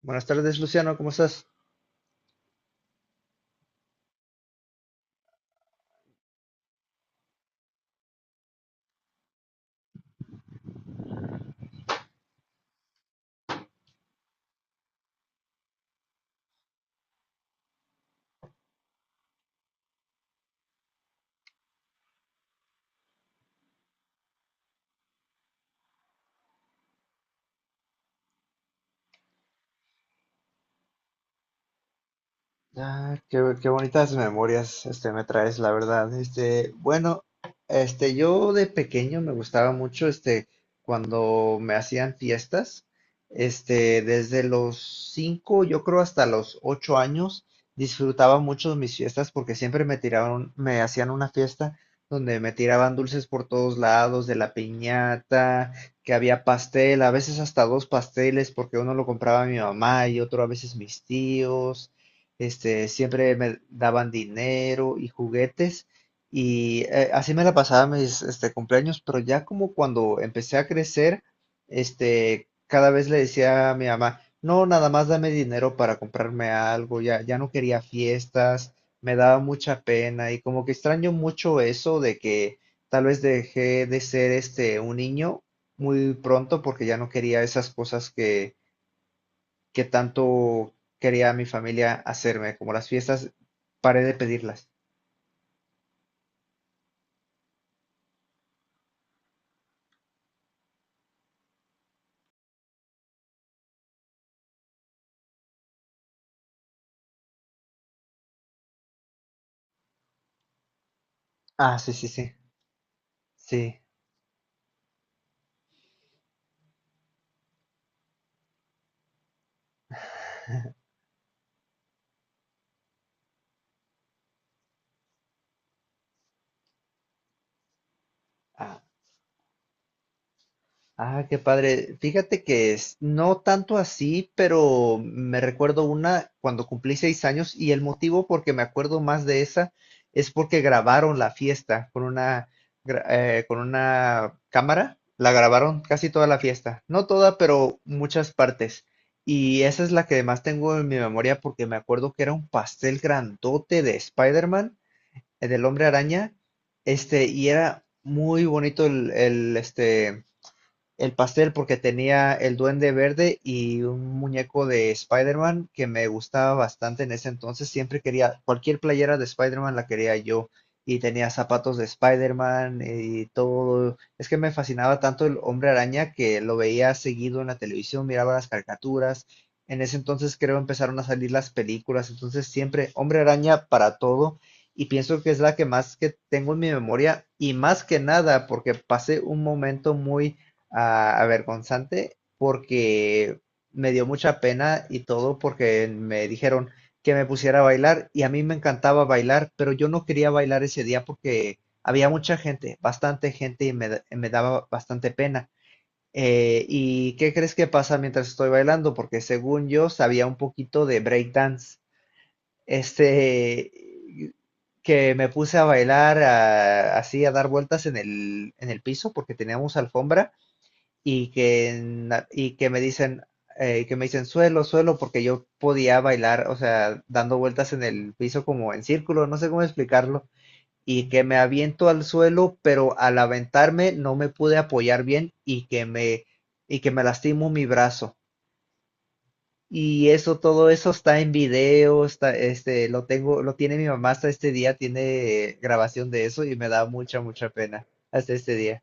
Buenas tardes, Luciano, ¿cómo estás? Ah, qué bonitas memorias, me traes, la verdad. Bueno, yo de pequeño me gustaba mucho, cuando me hacían fiestas, desde los 5, yo creo hasta los 8 años, disfrutaba mucho mis fiestas porque siempre me hacían una fiesta donde me tiraban dulces por todos lados, de la piñata, que había pastel, a veces hasta dos pasteles porque uno lo compraba mi mamá y otro a veces mis tíos. Siempre me daban dinero y juguetes y así me la pasaba mis cumpleaños, pero ya como cuando empecé a crecer, cada vez le decía a mi mamá, no, nada más dame dinero para comprarme algo, ya, ya no quería fiestas, me daba mucha pena y como que extraño mucho eso de que tal vez dejé de ser un niño muy pronto porque ya no quería esas cosas que tanto quería mi familia hacerme, como las fiestas, paré de pedirlas. Ah, sí, sí, sí. Sí. Ah, qué padre. Fíjate que es, no tanto así, pero me recuerdo una cuando cumplí 6 años y el motivo por que me acuerdo más de esa es porque grabaron la fiesta con una cámara. La grabaron casi toda la fiesta. No toda, pero muchas partes. Y esa es la que más tengo en mi memoria porque me acuerdo que era un pastel grandote de Spider-Man, del Hombre Araña. Y era muy bonito el el pastel porque tenía el Duende Verde y un muñeco de Spider-Man que me gustaba bastante en ese entonces. Siempre quería, cualquier playera de Spider-Man la quería yo. Y tenía zapatos de Spider-Man y todo. Es que me fascinaba tanto el Hombre Araña que lo veía seguido en la televisión, miraba las caricaturas. En ese entonces creo empezaron a salir las películas. Entonces siempre Hombre Araña para todo y pienso que es la que más que tengo en mi memoria y más que nada porque pasé un momento muy avergonzante porque me dio mucha pena y todo porque me dijeron que me pusiera a bailar y a mí me encantaba bailar, pero yo no quería bailar ese día porque había mucha gente, bastante gente y me daba bastante pena. ¿Y qué crees que pasa mientras estoy bailando? Porque según yo sabía un poquito de breakdance. Este, que me puse a bailar así, a dar vueltas en el piso porque teníamos alfombra y que que me dicen suelo, suelo, porque yo podía bailar, o sea, dando vueltas en el piso como en círculo, no sé cómo explicarlo, y que me aviento al suelo, pero al aventarme no me pude apoyar bien y que me lastimo mi brazo. Y eso, todo eso está en video. Está, este, lo tengo, Lo tiene mi mamá hasta este día, tiene grabación de eso y me da mucha, mucha pena hasta este día.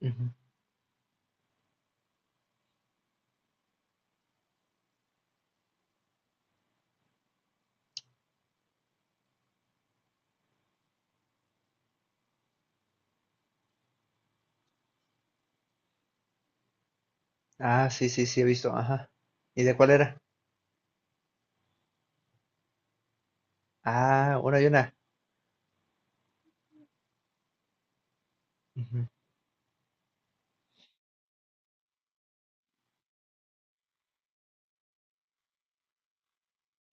Ujú. Ah, sí, sí, sí, he visto, ajá. ¿Y de cuál era? Ah, una y una. Ujú.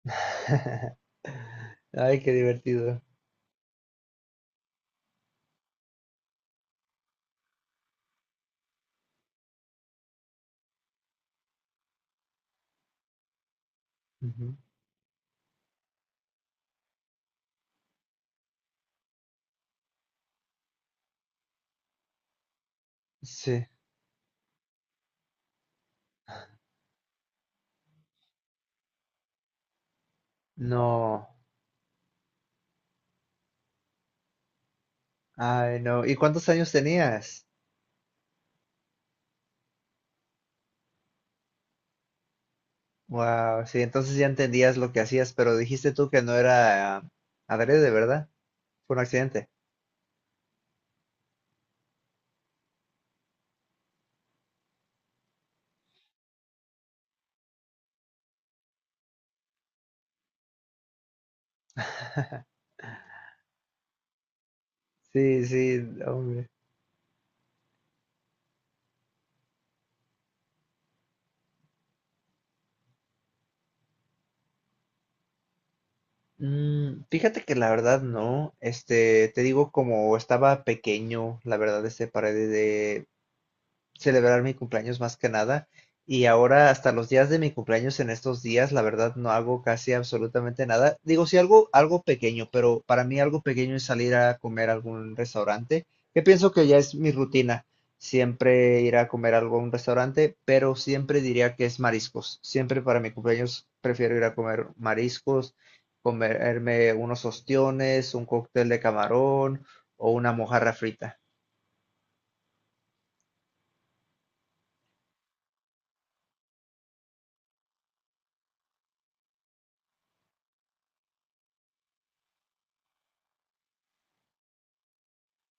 Ay, qué divertido. Ujú. Sí, no. Ay, no. ¿Y cuántos años tenías? Wow, sí, entonces ya entendías lo que hacías, pero dijiste tú que no era adrede, ¿verdad? Fue un accidente. Sí, sí, hombre. Fíjate que la verdad no, te digo como estaba pequeño, la verdad, este pared celebrar mi cumpleaños más que nada. Y ahora hasta los días de mi cumpleaños en estos días, la verdad no hago casi absolutamente nada. Digo, sí algo, algo pequeño, pero para mí algo pequeño es salir a comer a algún restaurante, que pienso que ya es mi rutina. Siempre ir a comer algo a un restaurante, pero siempre diría que es mariscos. Siempre para mi cumpleaños prefiero ir a comer mariscos, comerme unos ostiones, un cóctel de camarón o una mojarra frita.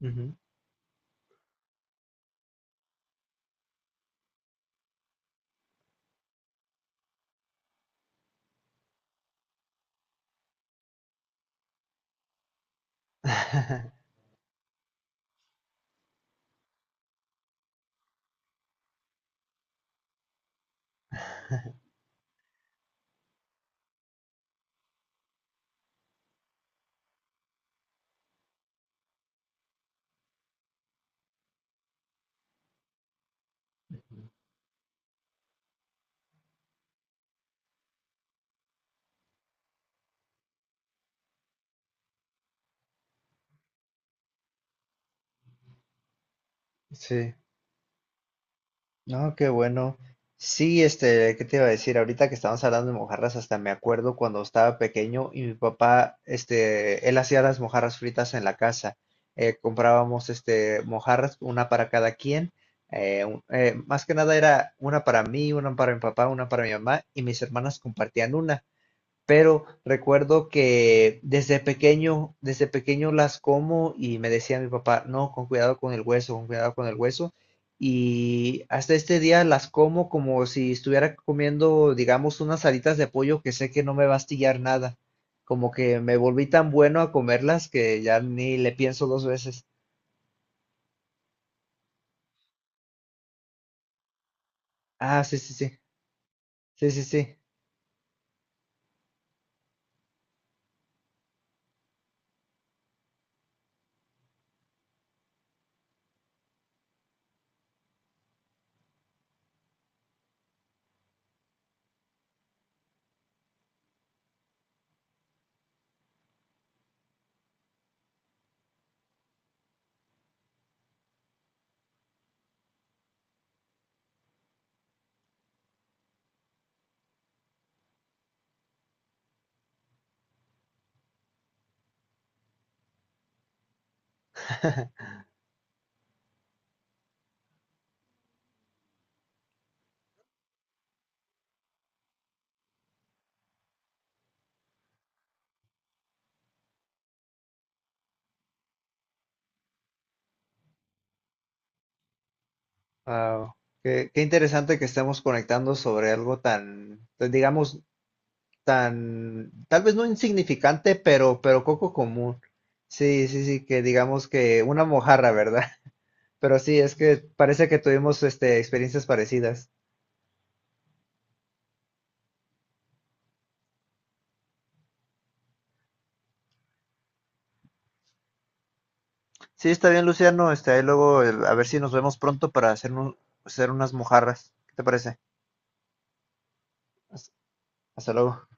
Ujú. Sí, no, qué bueno. Sí, ¿qué te iba a decir? Ahorita que estamos hablando de mojarras, hasta me acuerdo cuando estaba pequeño y mi papá, él hacía las mojarras fritas en la casa. Comprábamos, mojarras, una para cada quien. Más que nada era una para mí, una para mi papá, una para mi mamá y mis hermanas compartían una pero recuerdo que desde pequeño las como y me decía mi papá, no, con cuidado con el hueso, con cuidado con el hueso. Y hasta este día las como como si estuviera comiendo, digamos, unas alitas de pollo que sé que no me va a astillar nada. Como que me volví tan bueno a comerlas que ya ni le pienso dos veces. Ah, sí, sí, sí, sí, sí, sí. Wow. Qué interesante que estemos conectando sobre algo tan, tan, digamos, tan, tal vez no insignificante, pero poco común. Sí, sí, sí, que digamos que una mojarra, ¿verdad? Pero sí, es que parece que tuvimos experiencias parecidas. Sí, está bien, Luciano. Ahí luego, a ver si nos vemos pronto para hacer unas mojarras. ¿Qué te parece? Hasta hasta luego.